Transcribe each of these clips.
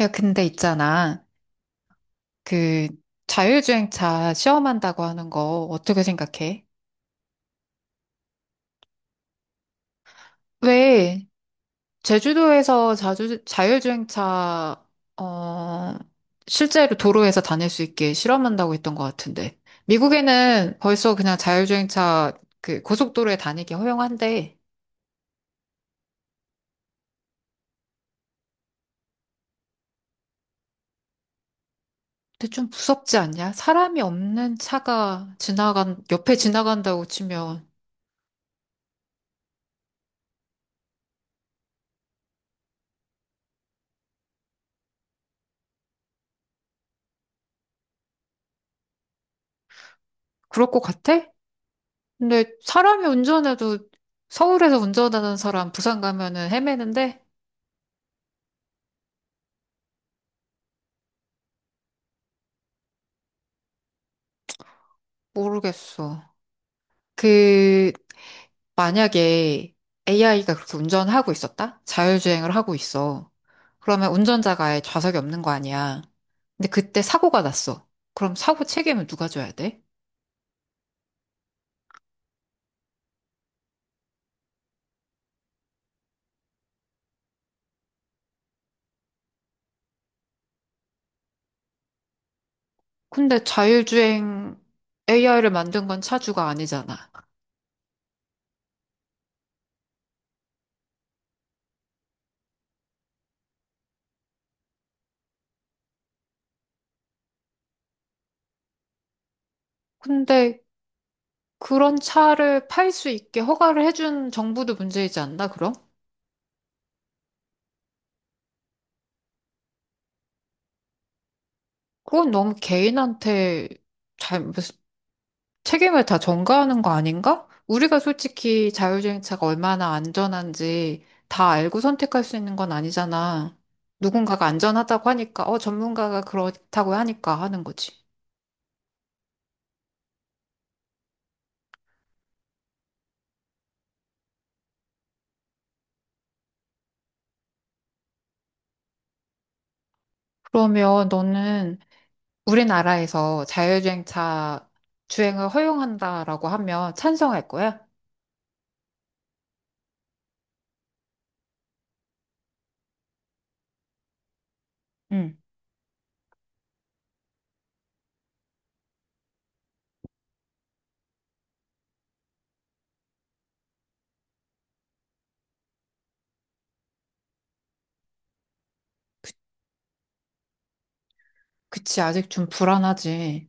야, 근데 있잖아. 그 자율주행차 시험한다고 하는 거 어떻게 생각해? 왜 제주도에서 자주 자율주행차 어 실제로 도로에서 다닐 수 있게 실험한다고 했던 것 같은데. 미국에는 벌써 그냥 자율주행차 그 고속도로에 다니기 허용한데. 근데 좀 무섭지 않냐? 사람이 없는 차가 지나간 옆에 지나간다고 치면. 그럴 것 같아? 근데 사람이 운전해도 서울에서 운전하는 사람 부산 가면은 헤매는데. 모르겠어. 그 만약에 AI가 그렇게 운전하고 있었다? 자율주행을 하고 있어. 그러면 운전자가 아예 좌석이 없는 거 아니야. 근데 그때 사고가 났어. 그럼 사고 책임은 누가 져야 돼? 근데 자율주행 AI를 만든 건 차주가 아니잖아. 근데 그런 차를 팔 수 있게 허가를 해준 정부도 문제이지 않나, 그럼? 그건 너무 개인한테 잘, 무슨 책임을 다 전가하는 거 아닌가? 우리가 솔직히 자율주행차가 얼마나 안전한지 다 알고 선택할 수 있는 건 아니잖아. 누군가가 안전하다고 하니까, 어, 전문가가 그렇다고 하니까 하는 거지. 그러면 너는 우리나라에서 자율주행차 주행을 허용한다라고 하면 찬성할 거야? 응. 그치, 아직 좀 불안하지.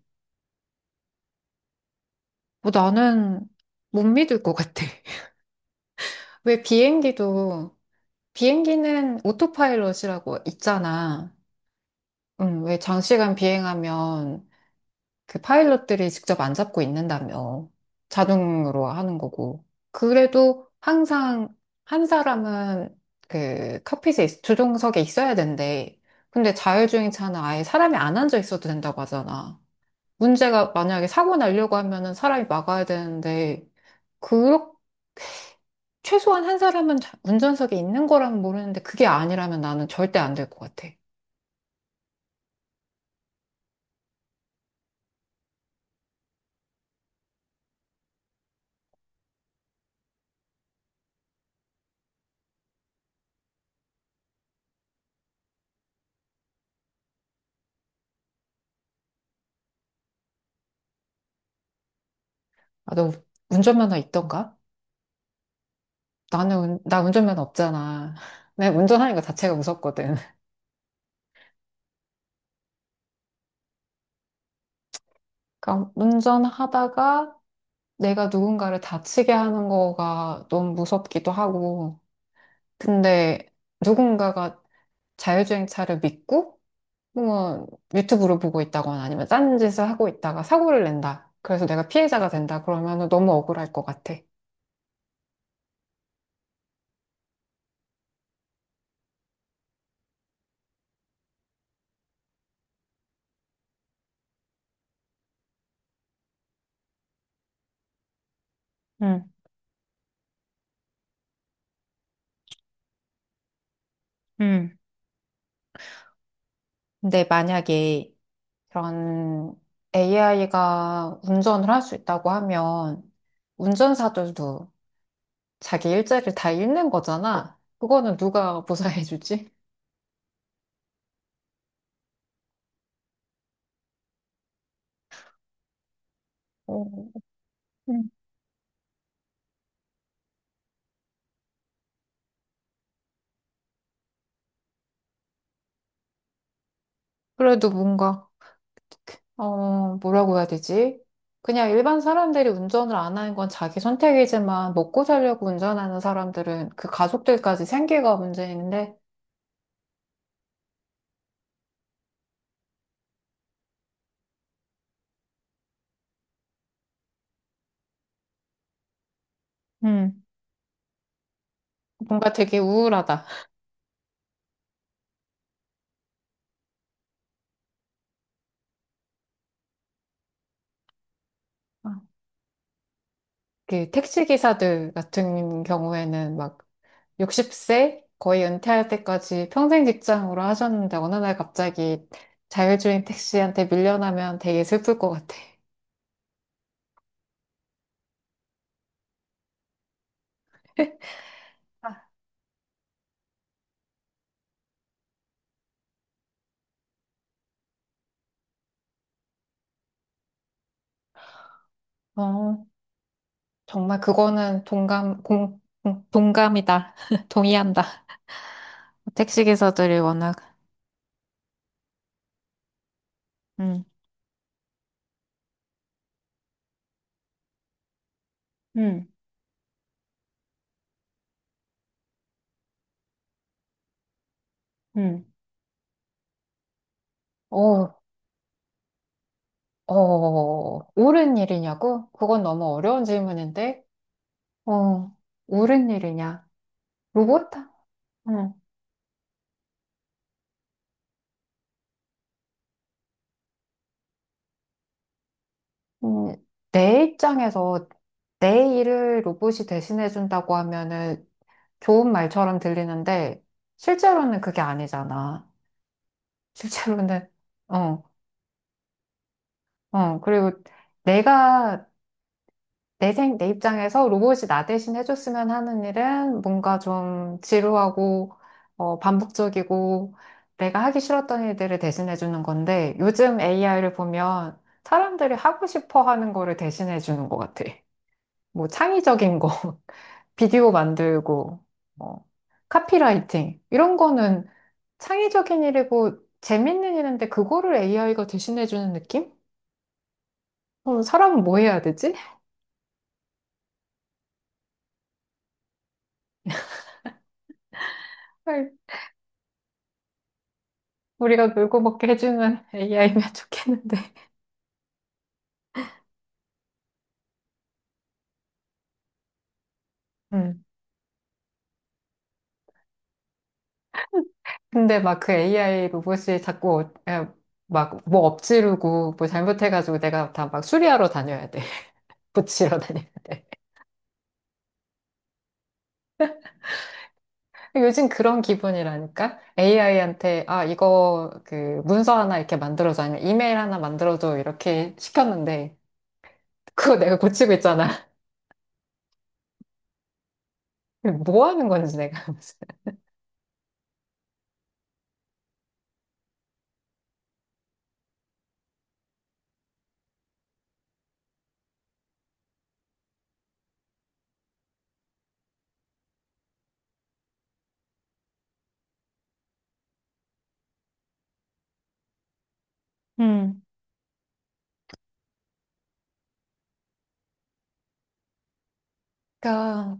뭐 나는 못 믿을 것 같아. 왜 비행기도 비행기는 오토파일럿이라고 있잖아. 응, 왜 장시간 비행하면 그 파일럿들이 직접 안 잡고 있는다며. 자동으로 하는 거고. 그래도 항상 한 사람은 그 칵핏에, 조종석에 있어야 된대. 근데 자율주행 차는 아예 사람이 안 앉아 있어도 된다고 하잖아. 문제가 만약에 사고 나려고 하면은 사람이 막아야 되는데, 그, 최소한 한 사람은 운전석에 있는 거라면 모르는데, 그게 아니라면 나는 절대 안 될 것 같아. 아, 너 운전면허 있던가? 나는, 나 운전면허 없잖아. 내가 운전하는 거 자체가 무섭거든. 그러니까 운전하다가 내가 누군가를 다치게 하는 거가 너무 무섭기도 하고. 근데 누군가가 자율주행차를 믿고, 뭐, 유튜브를 보고 있다거나 아니면 짠 짓을 하고 있다가 사고를 낸다. 그래서 내가 피해자가 된다. 그러면 너무 억울할 것 같아. 응, 응. 근데 만약에 그런 AI가 운전을 할 수 있다고 하면 운전사들도 자기 일자리를 다 잃는 거잖아. 그거는 누가 보상해주지? 어, 음. 그래도 뭔가, 어, 뭐라고 해야 되지? 그냥 일반 사람들이 운전을 안 하는 건 자기 선택이지만 먹고 살려고 운전하는 사람들은 그 가족들까지 생계가 문제인데, 음. 뭔가 되게 우울하다. 아. 그 택시 기사들 같은 경우에는 막 60세 거의 은퇴할 때까지 평생 직장으로 하셨는데 어느 날 갑자기 자율주행 택시한테 밀려나면 되게 슬플 것 같아. 아. 어, 정말 그거는 동감이다. 동의한다. 택시 기사들이 워낙, 음, 응, 응. 어, 어, 옳은 일이냐고? 그건 너무 어려운 질문인데, 어, 옳은 일이냐? 로봇? 응. 음, 내 입장에서 내 일을 로봇이 대신해준다고 하면은 좋은 말처럼 들리는데, 실제로는 그게 아니잖아. 실제로는, 어, 어. 그리고 내가, 내 입장에서 로봇이 나 대신 해줬으면 하는 일은 뭔가 좀 지루하고, 어, 반복적이고, 내가 하기 싫었던 일들을 대신해주는 건데, 요즘 AI를 보면 사람들이 하고 싶어 하는 거를 대신해주는 것 같아. 뭐 창의적인 거. 비디오 만들고, 뭐, 카피라이팅. 이런 거는 창의적인 일이고 재밌는 일인데 그거를 AI가 대신해주는 느낌? 그럼 사람은 뭐 해야 되지? 정말 우리가 놀고 먹게 해주는 AI면 좋겠는데. 음. 근데 막 그 AI 로봇이 자꾸 막뭐 엎지르고 뭐 잘못해가지고 내가 다 막 수리하러 다녀야 돼. 고치러 다녀야 돼. 요즘 그런 기분이라니까? AI한테, 아, 이거, 그, 문서 하나 이렇게 만들어줘. 아니면 이메일 하나 만들어줘. 이렇게 시켰는데, 그거 내가 고치고 있잖아. 뭐 하는 건지 내가. 무슨. 음. 그러니까,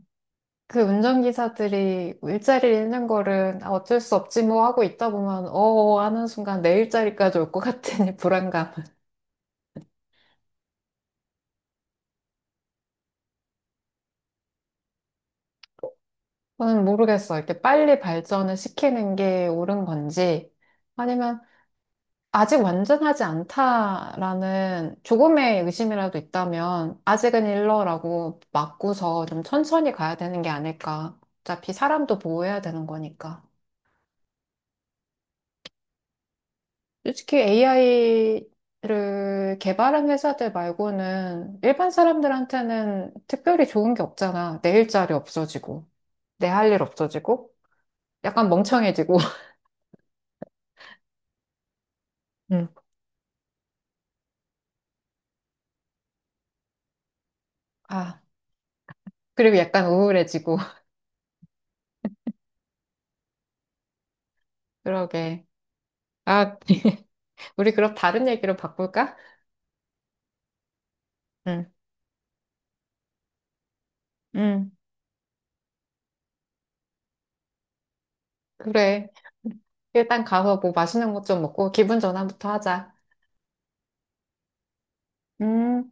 그 운전기사들이 일자리를 잃는 거를 아, 어쩔 수 없지 뭐 하고 있다 보면, 어, 어, 하는 순간 내 일자리까지 올 것 같은 이 불안감. 저는 모르겠어. 이렇게 빨리 발전을 시키는 게 옳은 건지, 아직 완전하지 않다라는 조금의 의심이라도 있다면 아직은 일러라고 맞고서 좀 천천히 가야 되는 게 아닐까. 어차피 사람도 보호해야 되는 거니까. 솔직히 AI를 개발한 회사들 말고는 일반 사람들한테는 특별히 좋은 게 없잖아. 내 일자리 없어지고, 내 할 일 없어지고, 약간 멍청해지고, 음. 아, 그리고 약간 우울해지고, 그러게. 아, 우리 그럼 다른 얘기로 바꿀까? 응. 응, 그래. 일단 가서 뭐 맛있는 것 좀 먹고 기분 전환부터 하자. 음.